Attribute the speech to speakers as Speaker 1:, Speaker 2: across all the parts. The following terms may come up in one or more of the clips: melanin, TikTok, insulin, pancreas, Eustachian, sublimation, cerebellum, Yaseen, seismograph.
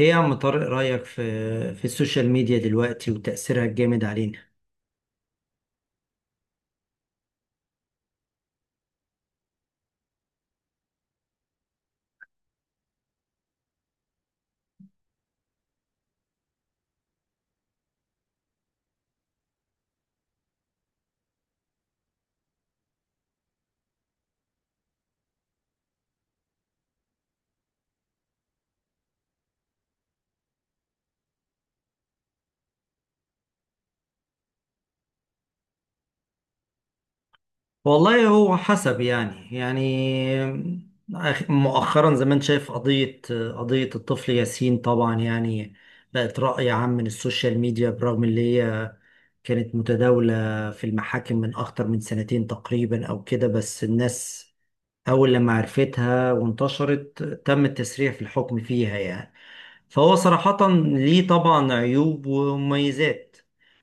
Speaker 1: ايه يا عم طارق، رأيك في السوشيال ميديا دلوقتي وتأثيرها الجامد علينا؟ والله هو حسب، يعني مؤخرا زي ما انت شايف قضية الطفل ياسين، طبعا يعني بقت رأي عام من السوشيال ميديا، برغم اللي هي كانت متداولة في المحاكم من أكتر من سنتين تقريبا أو كده. بس الناس أول لما عرفتها وانتشرت تم التسريع في الحكم فيها، يعني. فهو صراحة ليه طبعا عيوب ومميزات.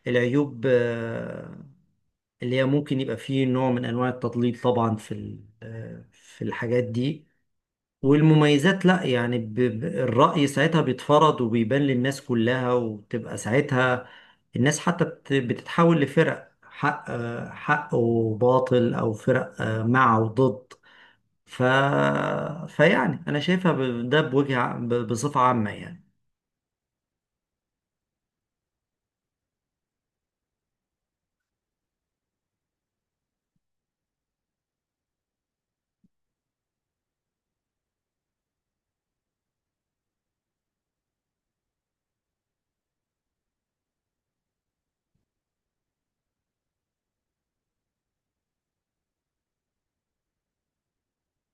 Speaker 1: العيوب اللي هي ممكن يبقى فيه نوع من أنواع التضليل طبعا في ال- آه، في الحاجات دي. والمميزات لأ، يعني الرأي ساعتها بيتفرض وبيبان للناس كلها، وتبقى ساعتها الناس حتى بتتحول لفرق حق، حق وباطل، أو فرق، مع وضد. ف... فيعني انا شايفها ب- ده بوجه ع- ب- بصفة عامة يعني.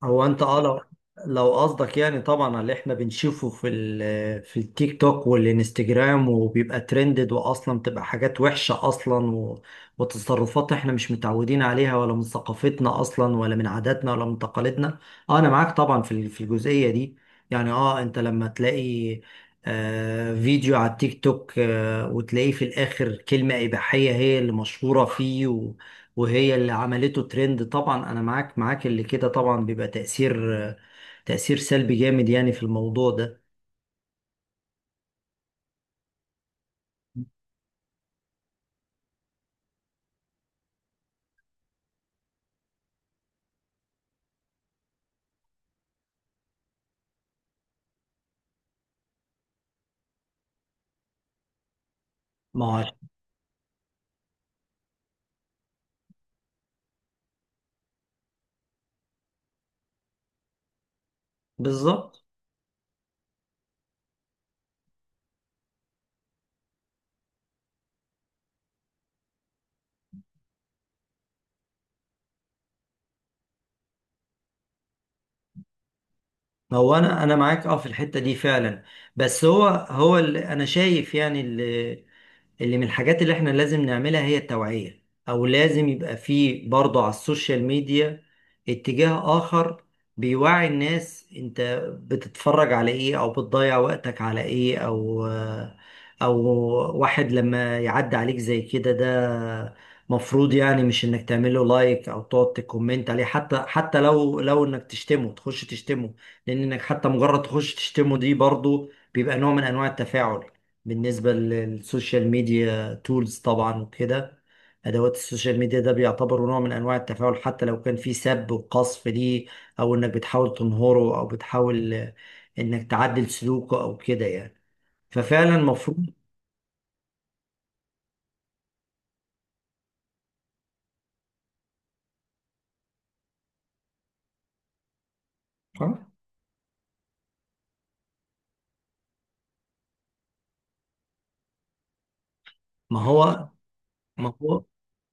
Speaker 1: هو انت لو قصدك، يعني طبعا على اللي احنا بنشوفه في التيك توك والانستجرام، وبيبقى ترندد، واصلا بتبقى حاجات وحشة اصلا، وتصرفات احنا مش متعودين عليها، ولا من ثقافتنا اصلا، ولا من عاداتنا، ولا من تقاليدنا. اه انا معاك طبعا في الجزئية دي. يعني انت لما تلاقي فيديو على التيك توك، وتلاقيه في الاخر كلمة اباحية هي اللي مشهورة فيه، وهي اللي عملته ترند. طبعا انا معاك، اللي كده طبعا بيبقى تأثير، سلبي جامد يعني في الموضوع ده. ما هو عش- بالظبط. ما هو انا، معاك في الحتة دي فعلا. بس هو اللي انا شايف، يعني اللي من الحاجات اللي احنا لازم نعملها هي التوعية. او لازم يبقى فيه برضه على السوشيال ميديا اتجاه اخر بيوعي الناس. انت بتتفرج على ايه، او بتضيع وقتك على ايه، او واحد لما يعدي عليك زي كده ده مفروض، يعني مش انك تعمله لايك او تقعد تكومنت عليه، حتى لو انك تشتمه تخش تشتمه. لان انك حتى مجرد تخش تشتمه دي برضه بيبقى نوع من انواع التفاعل بالنسبة للسوشيال ميديا تولز طبعا، وكده. أدوات السوشيال ميديا ده بيعتبر نوع من أنواع التفاعل، حتى لو كان في سب وقصف ليه، أو إنك بتحاول تنهره، أو بتحاول، إنك تعدل سلوكه أو كده يعني. ففعلا المفروض. اه، ما هو ما هو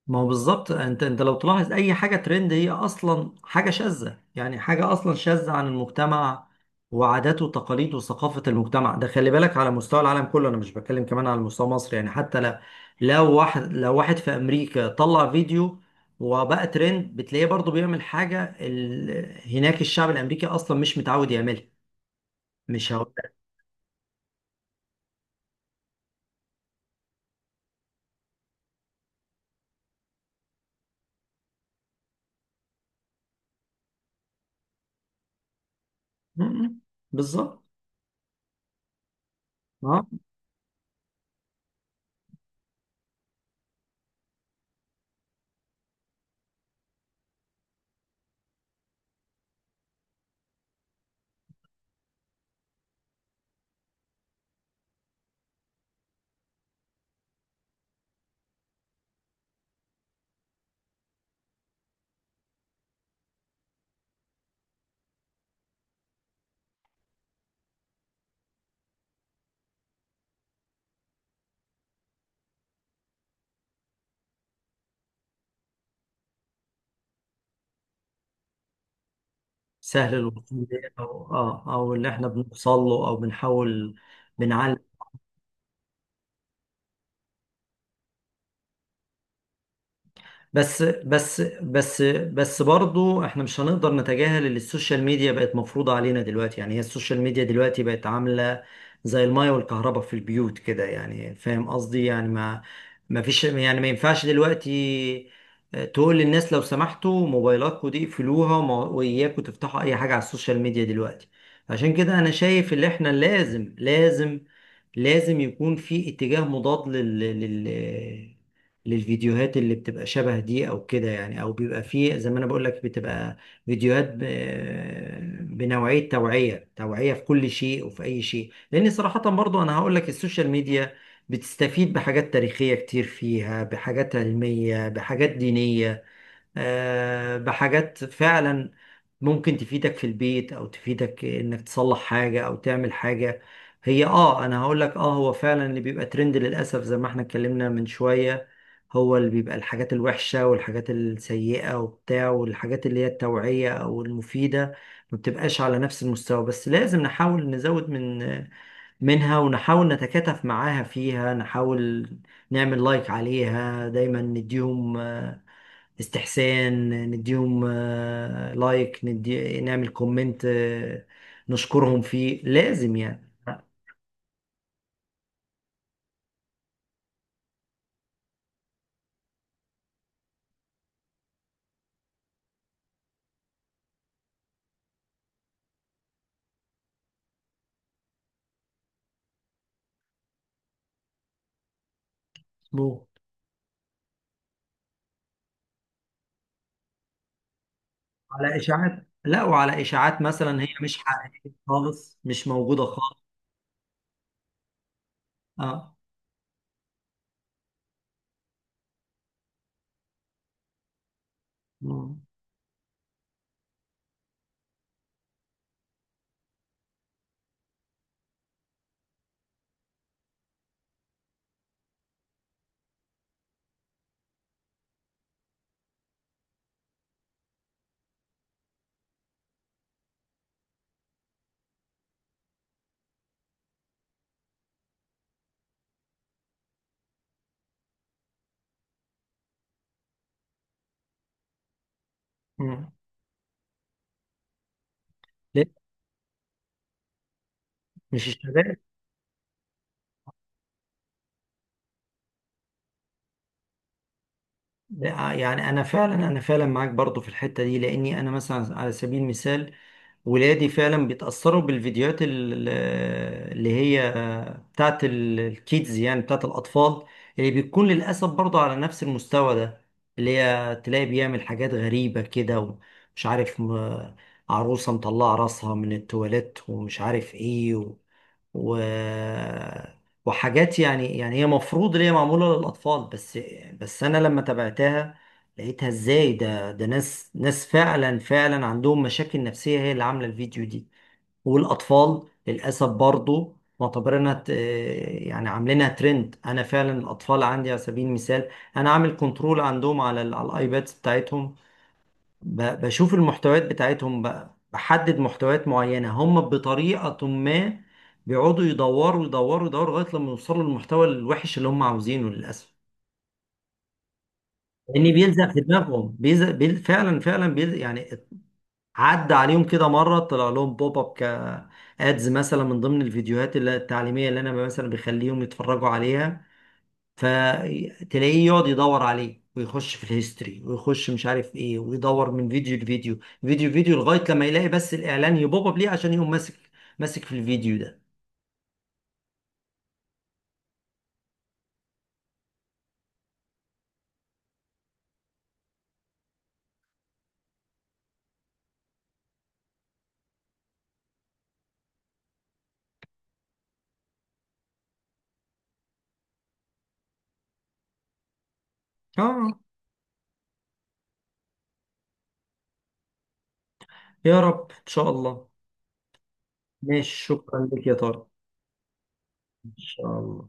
Speaker 1: ما هو بالظبط. انت لو تلاحظ اي حاجه ترند هي اصلا حاجه شاذه، يعني حاجه اصلا شاذه عن المجتمع وعاداته وتقاليده وثقافه المجتمع ده. خلي بالك على مستوى العالم كله، انا مش بتكلم كمان على مستوى مصر يعني، حتى لا. لو واحد في امريكا طلع فيديو وبقى ترند، بتلاقيه برضه بيعمل حاجه هناك الشعب الامريكي اصلا مش متعود يعملها. مش هقول لك. م. بالظبط. اه سهل الوصول ليه، او اللي احنا بنوصل له، او بنحاول بنعلي. بس بس بس بس برضو احنا مش هنقدر نتجاهل اللي السوشيال ميديا بقت مفروضة علينا دلوقتي. يعني هي السوشيال ميديا دلوقتي بقت عاملة زي المية والكهرباء في البيوت كده، يعني فاهم قصدي. يعني ما فيش، يعني ما ينفعش دلوقتي اه، تقول للناس لو سمحتوا موبايلاتكم دي اقفلوها، واياكوا تفتحوا اي حاجة على السوشيال ميديا دلوقتي. عشان كده انا شايف اللي احنا لازم يكون في اتجاه مضاد لل لل للفيديوهات اللي بتبقى شبه دي او كده، يعني او بيبقى فيه زي ما انا بقول لك، بتبقى فيديوهات بنوعية توعية، توعية في كل شيء وفي اي شيء. لان صراحة برضو انا هقول لك السوشيال ميديا بتستفيد بحاجات تاريخية كتير فيها، بحاجات علمية، بحاجات دينية، بحاجات فعلا ممكن تفيدك في البيت، او تفيدك انك تصلح حاجة او تعمل حاجة. هي انا هقول لك، هو فعلا اللي بيبقى ترند للاسف زي ما احنا اتكلمنا من شوية، هو اللي بيبقى الحاجات الوحشة والحاجات السيئة وبتاع، والحاجات اللي هي التوعية او المفيدة ما بتبقاش على نفس المستوى. بس لازم نحاول نزود منها، ونحاول نتكاتف معاها فيها، نحاول نعمل لايك عليها دايما، نديهم استحسان، نديهم لايك، ندي نعمل كومنت، نشكرهم فيه، لازم يعني. مظبوط. على اشاعات، لا، وعلى اشاعات مثلا هي مش حقيقيه خالص، مش موجوده خالص. اه. مم. مم. ليه؟ مش الشباب. يعني انا فعلا، معاك برضو في الحته دي، لاني انا مثلا على سبيل المثال ولادي فعلا بيتاثروا بالفيديوهات اللي هي بتاعت الكيدز، يعني بتاعت الاطفال، اللي بتكون للاسف برضو على نفس المستوى ده، اللي هي تلاقي بيعمل حاجات غريبه كده، ومش عارف، عروسه مطلعه راسها من التواليت، ومش عارف ايه، و... وحاجات، يعني هي مفروض اللي هي معمولة للأطفال بس. بس أنا لما تابعتها لقيتها إزاي، ده ناس ناس فعلا فعلا عندهم مشاكل نفسية هي اللي عاملة الفيديو دي. والأطفال للأسف برضو معتبرينها، يعني عاملينها ترند. أنا فعلا الأطفال عندي على سبيل المثال أنا عامل كنترول عندهم على الآيبادز بتاعتهم، بشوف المحتويات بتاعتهم بقى، بحدد محتويات معينة. هم بطريقة ما بيقعدوا يدوروا يدوروا يدوروا لغاية لما يوصلوا للمحتوى الوحش اللي هم عاوزينه للأسف، لأن بيلزق في دماغهم، بيلزق، فعلا فعلا بيلزق يعني. عدى عليهم كده مرة طلع لهم بوب اب كادز مثلا من ضمن الفيديوهات التعليمية اللي أنا مثلا بخليهم يتفرجوا عليها، فتلاقيه يقعد يدور عليه ويخش في الهيستوري ويخش مش عارف ايه، ويدور من فيديو لفيديو، فيديو لفيديو لغايه لما يلاقي بس الاعلان يبوب اب ليه، عشان يقوم ماسك في الفيديو ده. اه. يا رب ان شاء الله. ماشي، شكرا لك يا طارق. ان شاء الله.